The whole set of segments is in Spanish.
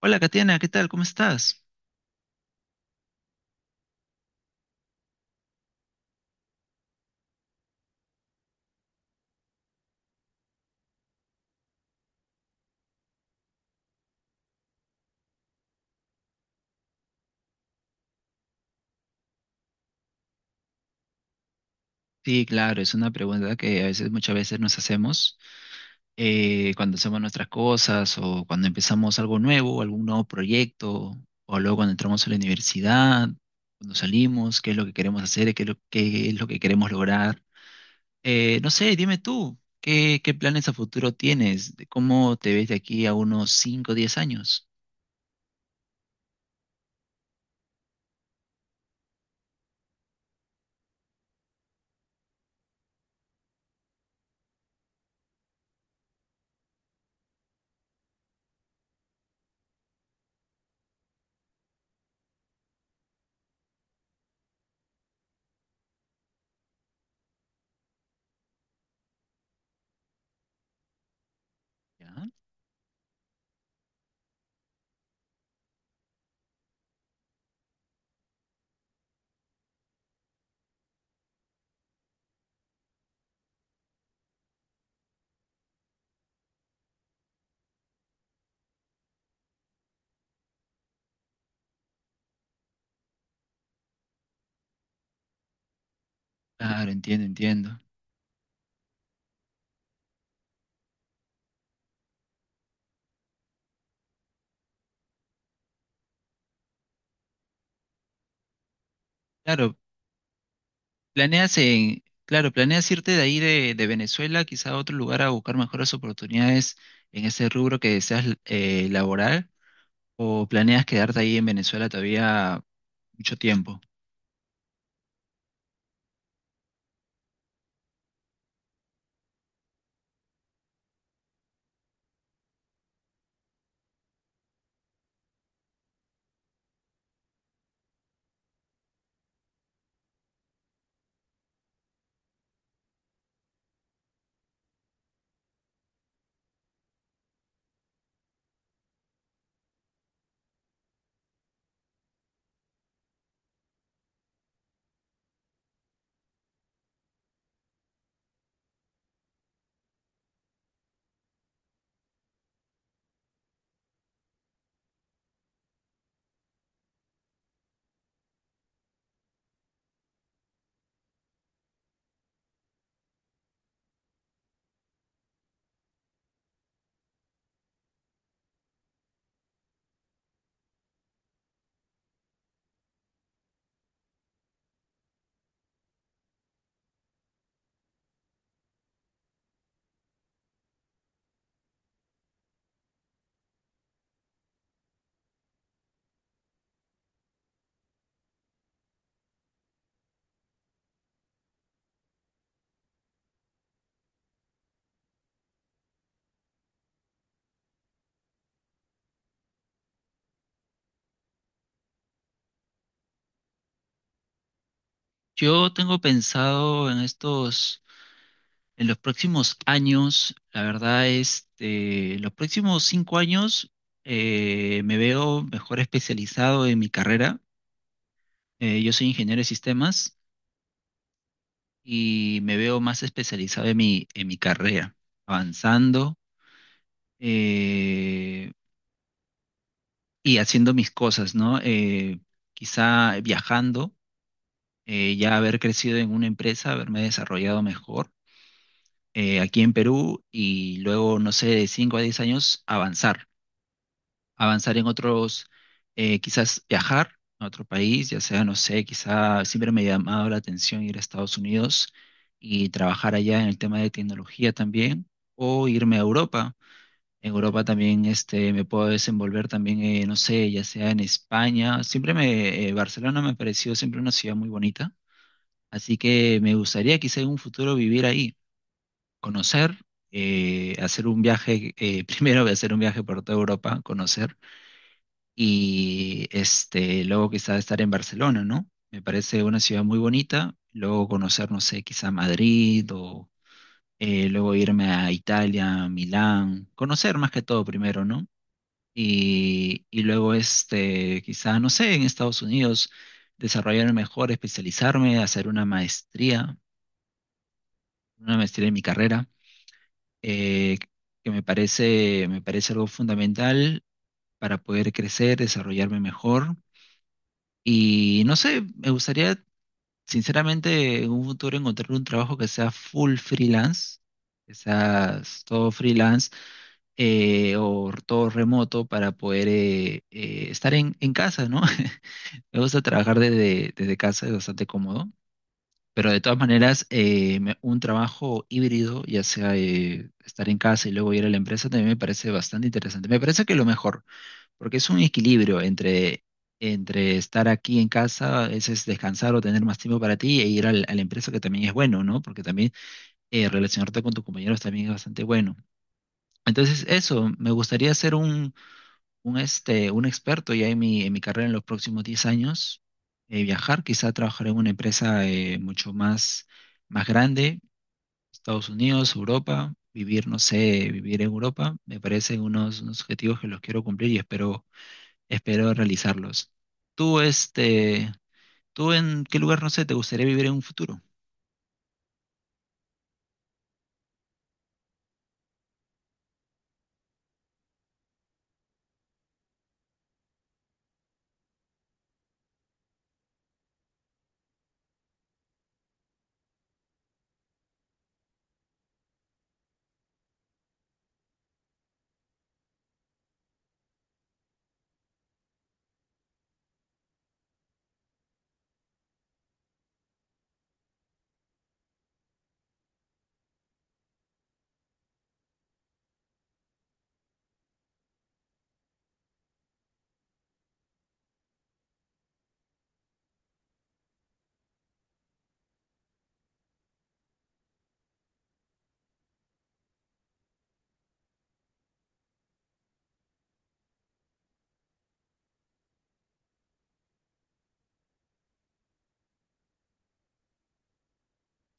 Hola, Katiana, ¿qué tal? ¿Cómo estás? Sí, claro, es una pregunta que a veces, muchas veces nos hacemos cuando hacemos nuestras cosas o cuando empezamos algo nuevo, algún nuevo proyecto, o luego cuando entramos a la universidad, cuando salimos, qué es lo que queremos hacer, qué es lo que queremos lograr. No sé, dime tú, ¿ qué planes a futuro tienes? ¿De ¿Cómo te ves de aquí a unos 5, o 10 años? ¿Ya? Claro, entiendo, entiendo. Claro. Planeas en, claro, planeas irte de ahí de Venezuela, quizá a otro lugar a buscar mejores oportunidades en ese rubro que deseas laboral, o planeas quedarte ahí en Venezuela todavía mucho tiempo. Yo tengo pensado en estos, en los próximos años, la verdad, este, en los próximos cinco años me veo mejor especializado en mi carrera. Yo soy ingeniero de sistemas. Y me veo más especializado en mi carrera, avanzando eh, y haciendo mis cosas, ¿no? Quizá viajando, ya haber crecido en una empresa, haberme desarrollado mejor aquí en Perú y luego, no sé, de 5 a 10 años avanzar. Avanzar en otros, quizás viajar a otro país, ya sea, no sé, quizás siempre me ha llamado la atención ir a Estados Unidos y trabajar allá en el tema de tecnología también, o irme a Europa. En Europa también este, me puedo desenvolver también, no sé, ya sea en España. Barcelona me ha parecido siempre una ciudad muy bonita, así que me gustaría quizá en un futuro vivir ahí, conocer. Hacer un viaje, primero voy a hacer un viaje por toda Europa, conocer, y este, luego quizá estar en Barcelona, ¿no? Me parece una ciudad muy bonita, luego conocer, no sé, quizá Madrid o luego irme a Italia, Milán, conocer más que todo primero, ¿no? Y luego, este, quizá, no sé, en Estados Unidos, desarrollarme mejor, especializarme, hacer una maestría en mi carrera, eh, me parece algo fundamental para poder crecer, desarrollarme mejor. Y no sé, me gustaría, sinceramente, en un futuro encontrar un trabajo que sea full freelance, que sea todo freelance o todo remoto para poder estar en casa, ¿no? Me gusta trabajar desde casa, es bastante cómodo. Pero de todas maneras, un trabajo híbrido, ya sea estar en casa y luego ir a la empresa, también me parece bastante interesante. Me parece que lo mejor. Porque es un equilibrio entre estar aquí en casa, ese es descansar o tener más tiempo para ti, e ir a la empresa, que también es bueno, ¿no? Porque también relacionarte con tus compañeros también es bastante bueno. Entonces, eso, me gustaría ser un experto ya en mi carrera en los próximos 10 años, viajar, quizá trabajar en una empresa más grande, Estados Unidos, Europa, vivir, no sé, vivir en Europa, me parecen unos, unos objetivos que los quiero cumplir y espero realizarlos. Tú, este, ¿Tú en qué lugar, no sé, te gustaría vivir en un futuro?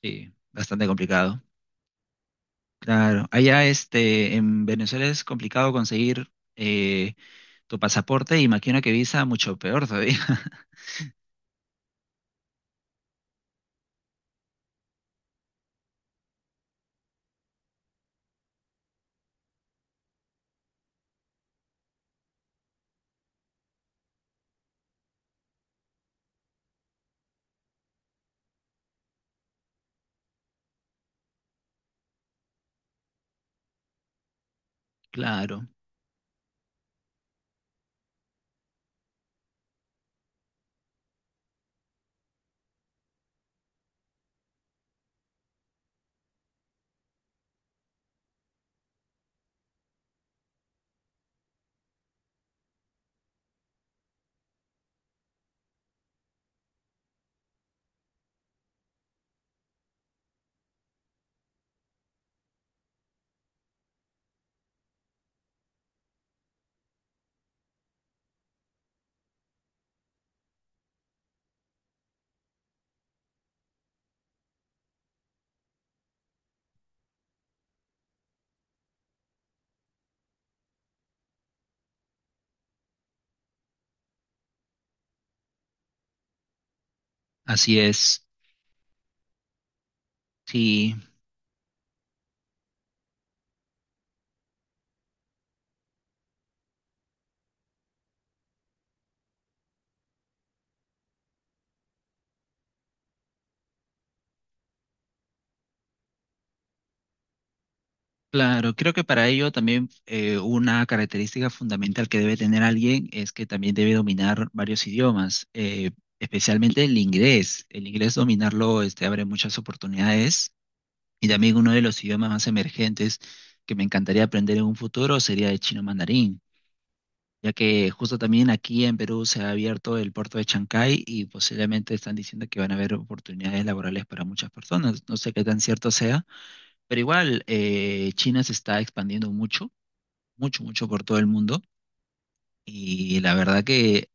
Sí, bastante complicado. Claro, allá, este, en Venezuela es complicado conseguir eh, tu pasaporte y imagino que visa mucho peor todavía. Claro, así es. Sí, claro. Creo que para ello también una característica fundamental que debe tener alguien es que también debe dominar varios idiomas, especialmente el inglés. El inglés dominarlo este, abre muchas oportunidades. Y también uno de los idiomas más emergentes que me encantaría aprender en un futuro sería el chino mandarín, ya que justo también aquí en Perú se ha abierto el puerto de Chancay y posiblemente están diciendo que van a haber oportunidades laborales para muchas personas. No sé qué tan cierto sea, pero igual China se está expandiendo mucho, mucho, mucho por todo el mundo y la verdad que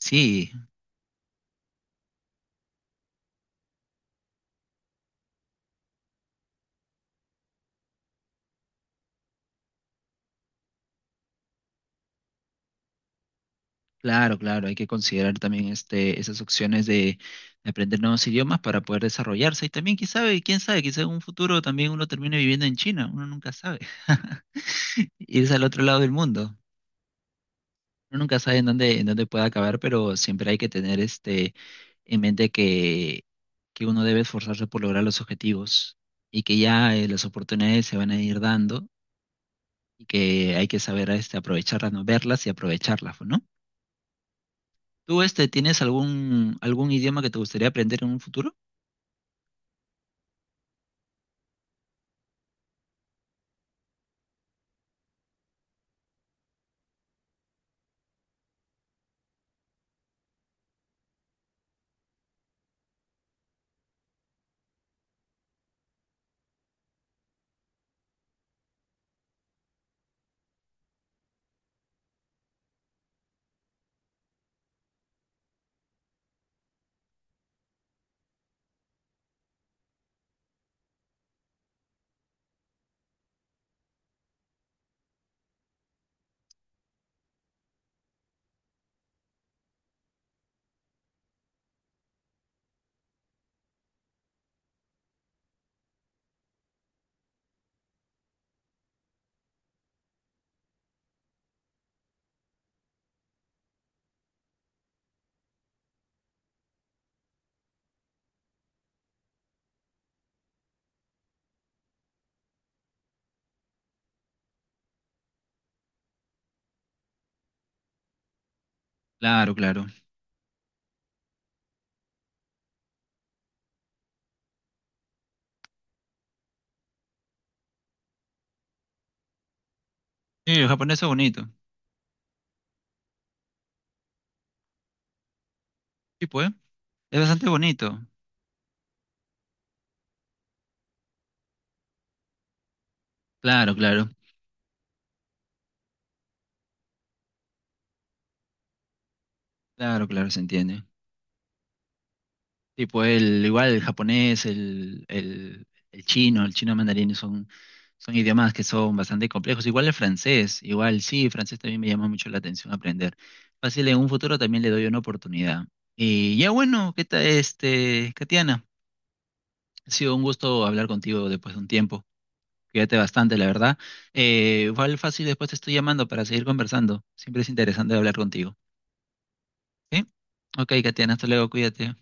sí. Claro, claro, hay que considerar también este, esas opciones de aprender nuevos idiomas para poder desarrollarse. Y también, quién sabe, quizá en un futuro también uno termine viviendo en China, uno nunca sabe. Irse al otro lado del mundo. Uno nunca sabe en dónde puede acabar, pero siempre hay que tener este en mente que uno debe esforzarse por lograr los objetivos y que ya las oportunidades se van a ir dando y que hay que saber este, aprovecharlas, no verlas y aprovecharlas, ¿no? ¿Tú este tienes algún idioma que te gustaría aprender en un futuro? Claro, claro. Sí, el japonés es bonito. Sí, pues. Es bastante bonito. Claro, claro. Claro, claro, se entiende. Tipo el igual el japonés, el chino mandarín son idiomas que son bastante complejos. Igual el francés, igual sí, el francés también me llama mucho la atención aprender. Fácil, en un futuro también le doy una oportunidad. Y ya bueno, ¿qué tal este, Katiana? Ha sido un gusto hablar contigo después de un tiempo. Cuídate bastante, la verdad. Igual fácil, después te estoy llamando para seguir conversando. Siempre es interesante hablar contigo. ¿Sí? Ok, Katiana, hasta luego, cuídate.